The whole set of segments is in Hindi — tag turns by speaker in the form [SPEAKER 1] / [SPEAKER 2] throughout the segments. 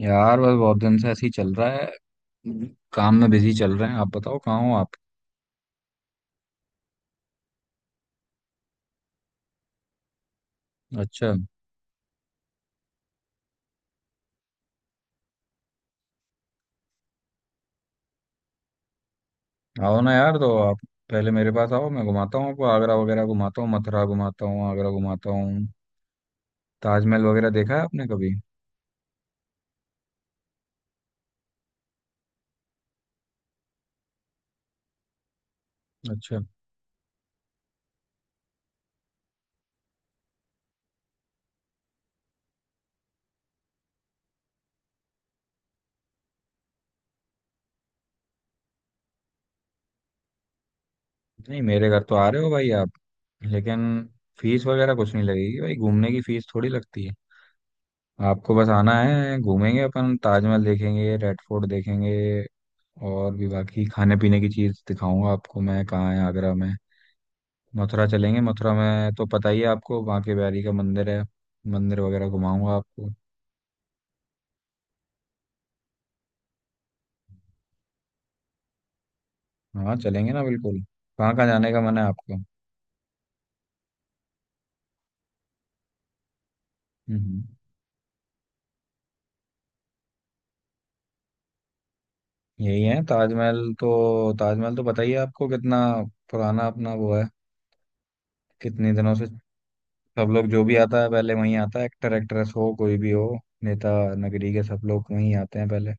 [SPEAKER 1] यार बस बहुत दिन से ऐसे ही चल रहा है। काम में बिजी चल रहे हैं। आप बताओ कहाँ हो आप? अच्छा। आओ ना यार, तो आप पहले मेरे पास आओ, मैं घुमाता हूँ आपको, आगरा वगैरह घुमाता हूँ, मथुरा घुमाता हूँ, आगरा घुमाता हूँ। ताजमहल वगैरह देखा है आपने कभी? अच्छा। नहीं, मेरे घर तो आ रहे हो भाई आप, लेकिन फीस वगैरह कुछ नहीं लगेगी भाई, घूमने की फीस थोड़ी लगती है। आपको बस आना है, घूमेंगे अपन, ताजमहल देखेंगे, रेड फोर्ट देखेंगे और भी बाकी खाने पीने की चीज़ दिखाऊंगा आपको मैं। कहाँ है आगरा में, मथुरा चलेंगे। मथुरा में तो पता ही है आपको, बांके बिहारी का मंदिर है, मंदिर वगैरह घुमाऊंगा आपको। हाँ, चलेंगे ना बिल्कुल। कहाँ कहाँ जाने का मन है आपको? हम्म। यही है ताजमहल तो, ताजमहल तो पता ही है आपको, कितना पुराना अपना वो है, कितने दिनों से। सब लोग जो भी आता है पहले वहीं आता है, एक्टर एक्ट्रेस हो कोई भी हो, नेता नगरी के सब लोग वहीं आते हैं पहले।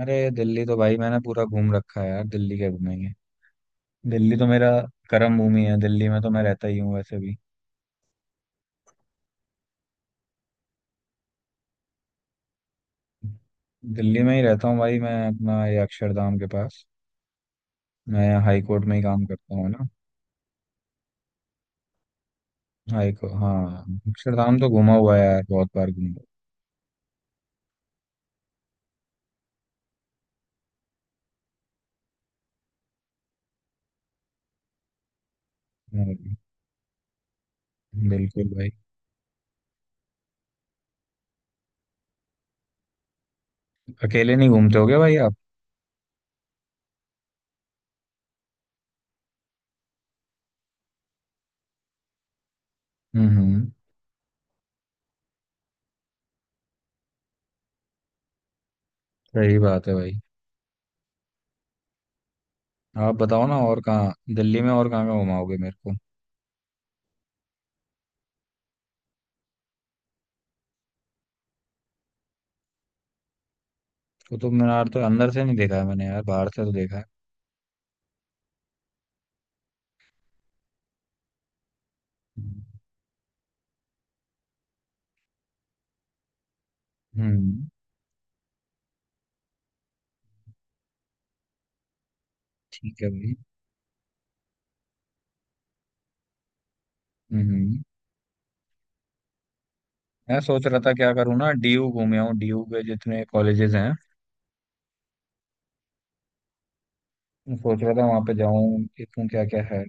[SPEAKER 1] अरे दिल्ली तो भाई मैंने पूरा घूम रखा है यार, दिल्ली क्या घूमेंगे। दिल्ली तो मेरा कर्म भूमि है, दिल्ली में तो मैं रहता ही हूँ वैसे भी। दिल्ली में ही रहता हूँ भाई मैं, अपना ये अक्षरधाम के पास। मैं यहाँ हाई कोर्ट में ही काम करता हूँ ना। हाई को हाँ, अक्षरधाम तो घूमा हुआ है यार, बहुत बार घूमा हुआ है। बिल्कुल भाई। अकेले नहीं घूमते होगे भाई आप? हम्म। सही बात है भाई। आप बताओ ना, और कहाँ दिल्ली में, और कहाँ कहाँ घुमाओगे मेरे को? कुतुब मीनार तो अंदर से नहीं देखा है मैंने यार, बाहर से तो देखा है। हम्म। ठीक है भाई। हम्म हम्म। मैं सोच रहा था क्या करूँ ना, डीयू घूमे आऊँ, डीयू के जितने कॉलेजेस हैं, मैं सोच रहा था वहां पे जाऊं, देखूं क्या क्या है।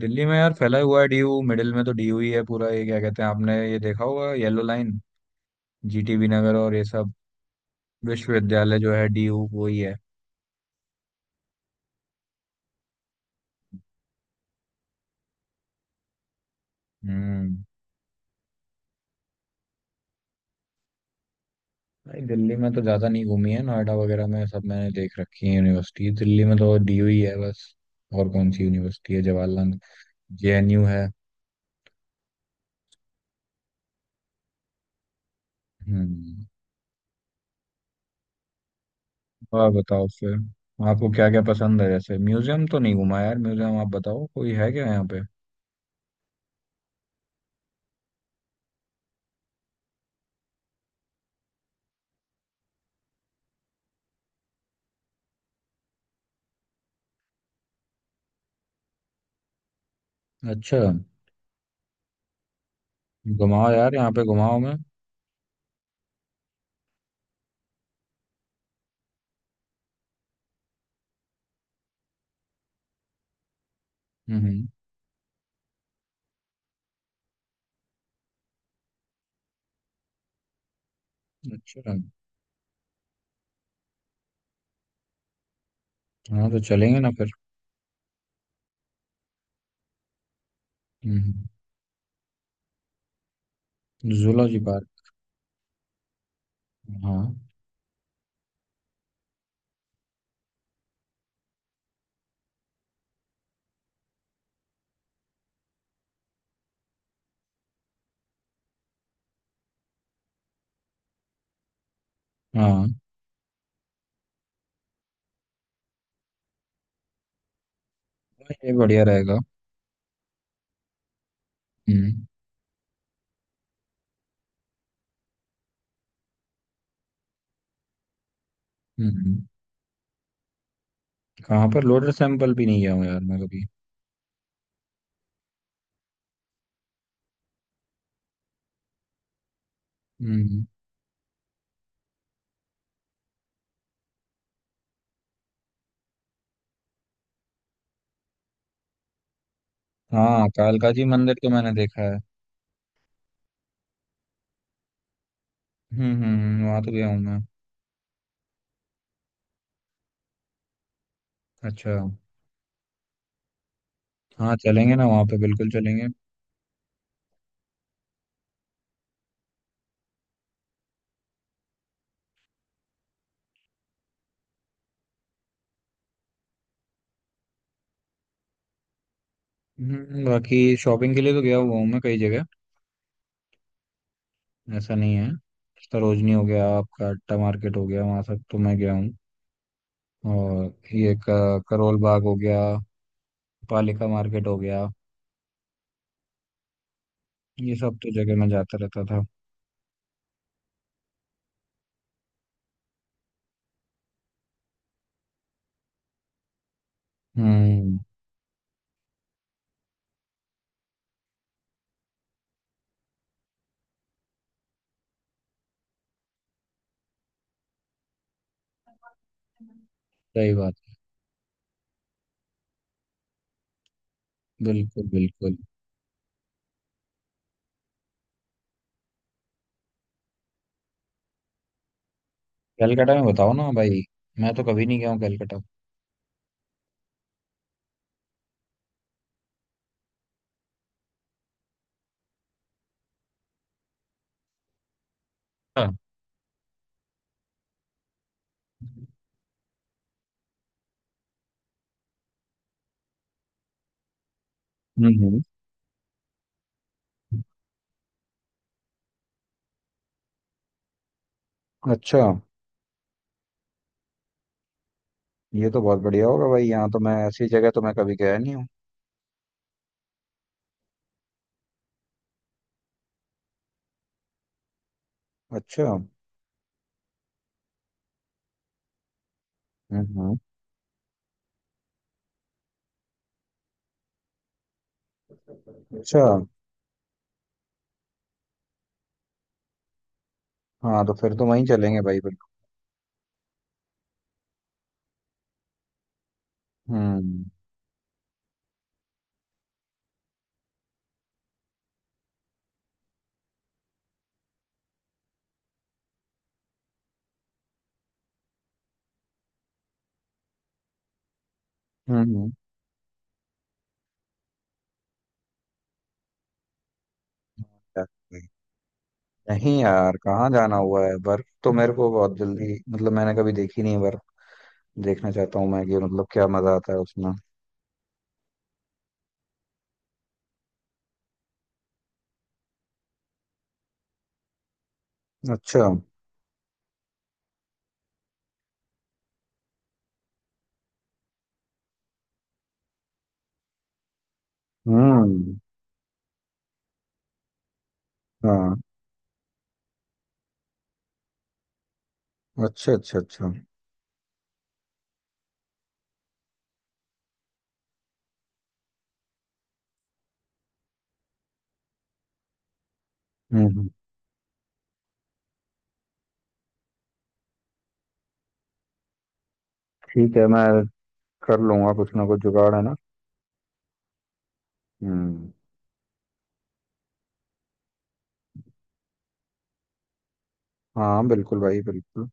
[SPEAKER 1] दिल्ली में यार फैला हुआ है डीयू, मिडिल में तो डीयू ही है पूरा, ये क्या कहते हैं, आपने ये देखा होगा येलो लाइन, जीटीबी नगर और ये सब। विश्वविद्यालय जो है, डीयू वो ही है। हम्म। भाई दिल्ली में तो ज्यादा नहीं घूमी है, नोएडा वगैरह में सब मैंने देख रखी है यूनिवर्सिटी, दिल्ली में तो डीयू ही है बस। और कौन सी यूनिवर्सिटी है, जवाहरलाल जेएनयू है। हम्म। और बताओ फिर, आपको क्या क्या पसंद है? जैसे म्यूजियम तो नहीं घुमा यार, म्यूजियम आप बताओ, कोई है क्या यहाँ पे? अच्छा। घुमाओ यार, यहाँ पे घुमाओ मैं। हम्म। अच्छा। हाँ, तो चलेंगे ना फिर। हम्म। Zoology park? हाँ। हाँ, ये बढ़िया रहेगा। हम्म हम्म कहाँ पर? लोटस टेम्पल भी नहीं गया हूँ यार मैं कभी। हम्म। हाँ, कालका जी मंदिर तो मैंने देखा है। वहाँ तो गया हूँ मैं। अच्छा। हाँ, चलेंगे ना, वहाँ पे बिल्कुल चलेंगे। बाकी शॉपिंग के लिए तो गया हुआ हूँ मैं कई जगह। ऐसा नहीं है। सरोजनी हो गया आपका, अट्टा मार्केट हो गया, वहाँ सब तो मैं गया हूँ। और ये करोल बाग हो गया, पालिका मार्केट हो गया, ये सब तो जगह मैं जाता रहता था। हम्म। सही बात। बिल्कुल बिल्कुल। कलकत्ता में बताओ ना भाई, मैं तो कभी नहीं गया हूँ कलकत्ता। हाँ। हम्म हम्म। अच्छा। ये तो बहुत बढ़िया होगा भाई, यहाँ तो मैं, ऐसी जगह तो मैं कभी गया नहीं हूँ। अच्छा। हम्म हम्म। अच्छा। हाँ, तो फिर तो वहीं चलेंगे भाई बिल्कुल। हम्म हम्म हम्म। नहीं यार, कहाँ जाना हुआ है, बर्फ तो मेरे को बहुत जल्दी, मतलब मैंने कभी देखी नहीं है बर्फ, देखना चाहता हूँ मैं कि मतलब क्या मजा आता है उसमें। अच्छा। हम्म। हाँ। अच्छा अच्छा अच्छा। हम्म। हम्म, ठीक है, मैं कर लूंगा कुछ ना कुछ, जुगाड़ है ना। हम्म। हाँ बिल्कुल भाई बिल्कुल।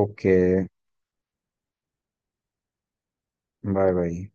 [SPEAKER 1] ओके। Bye bye.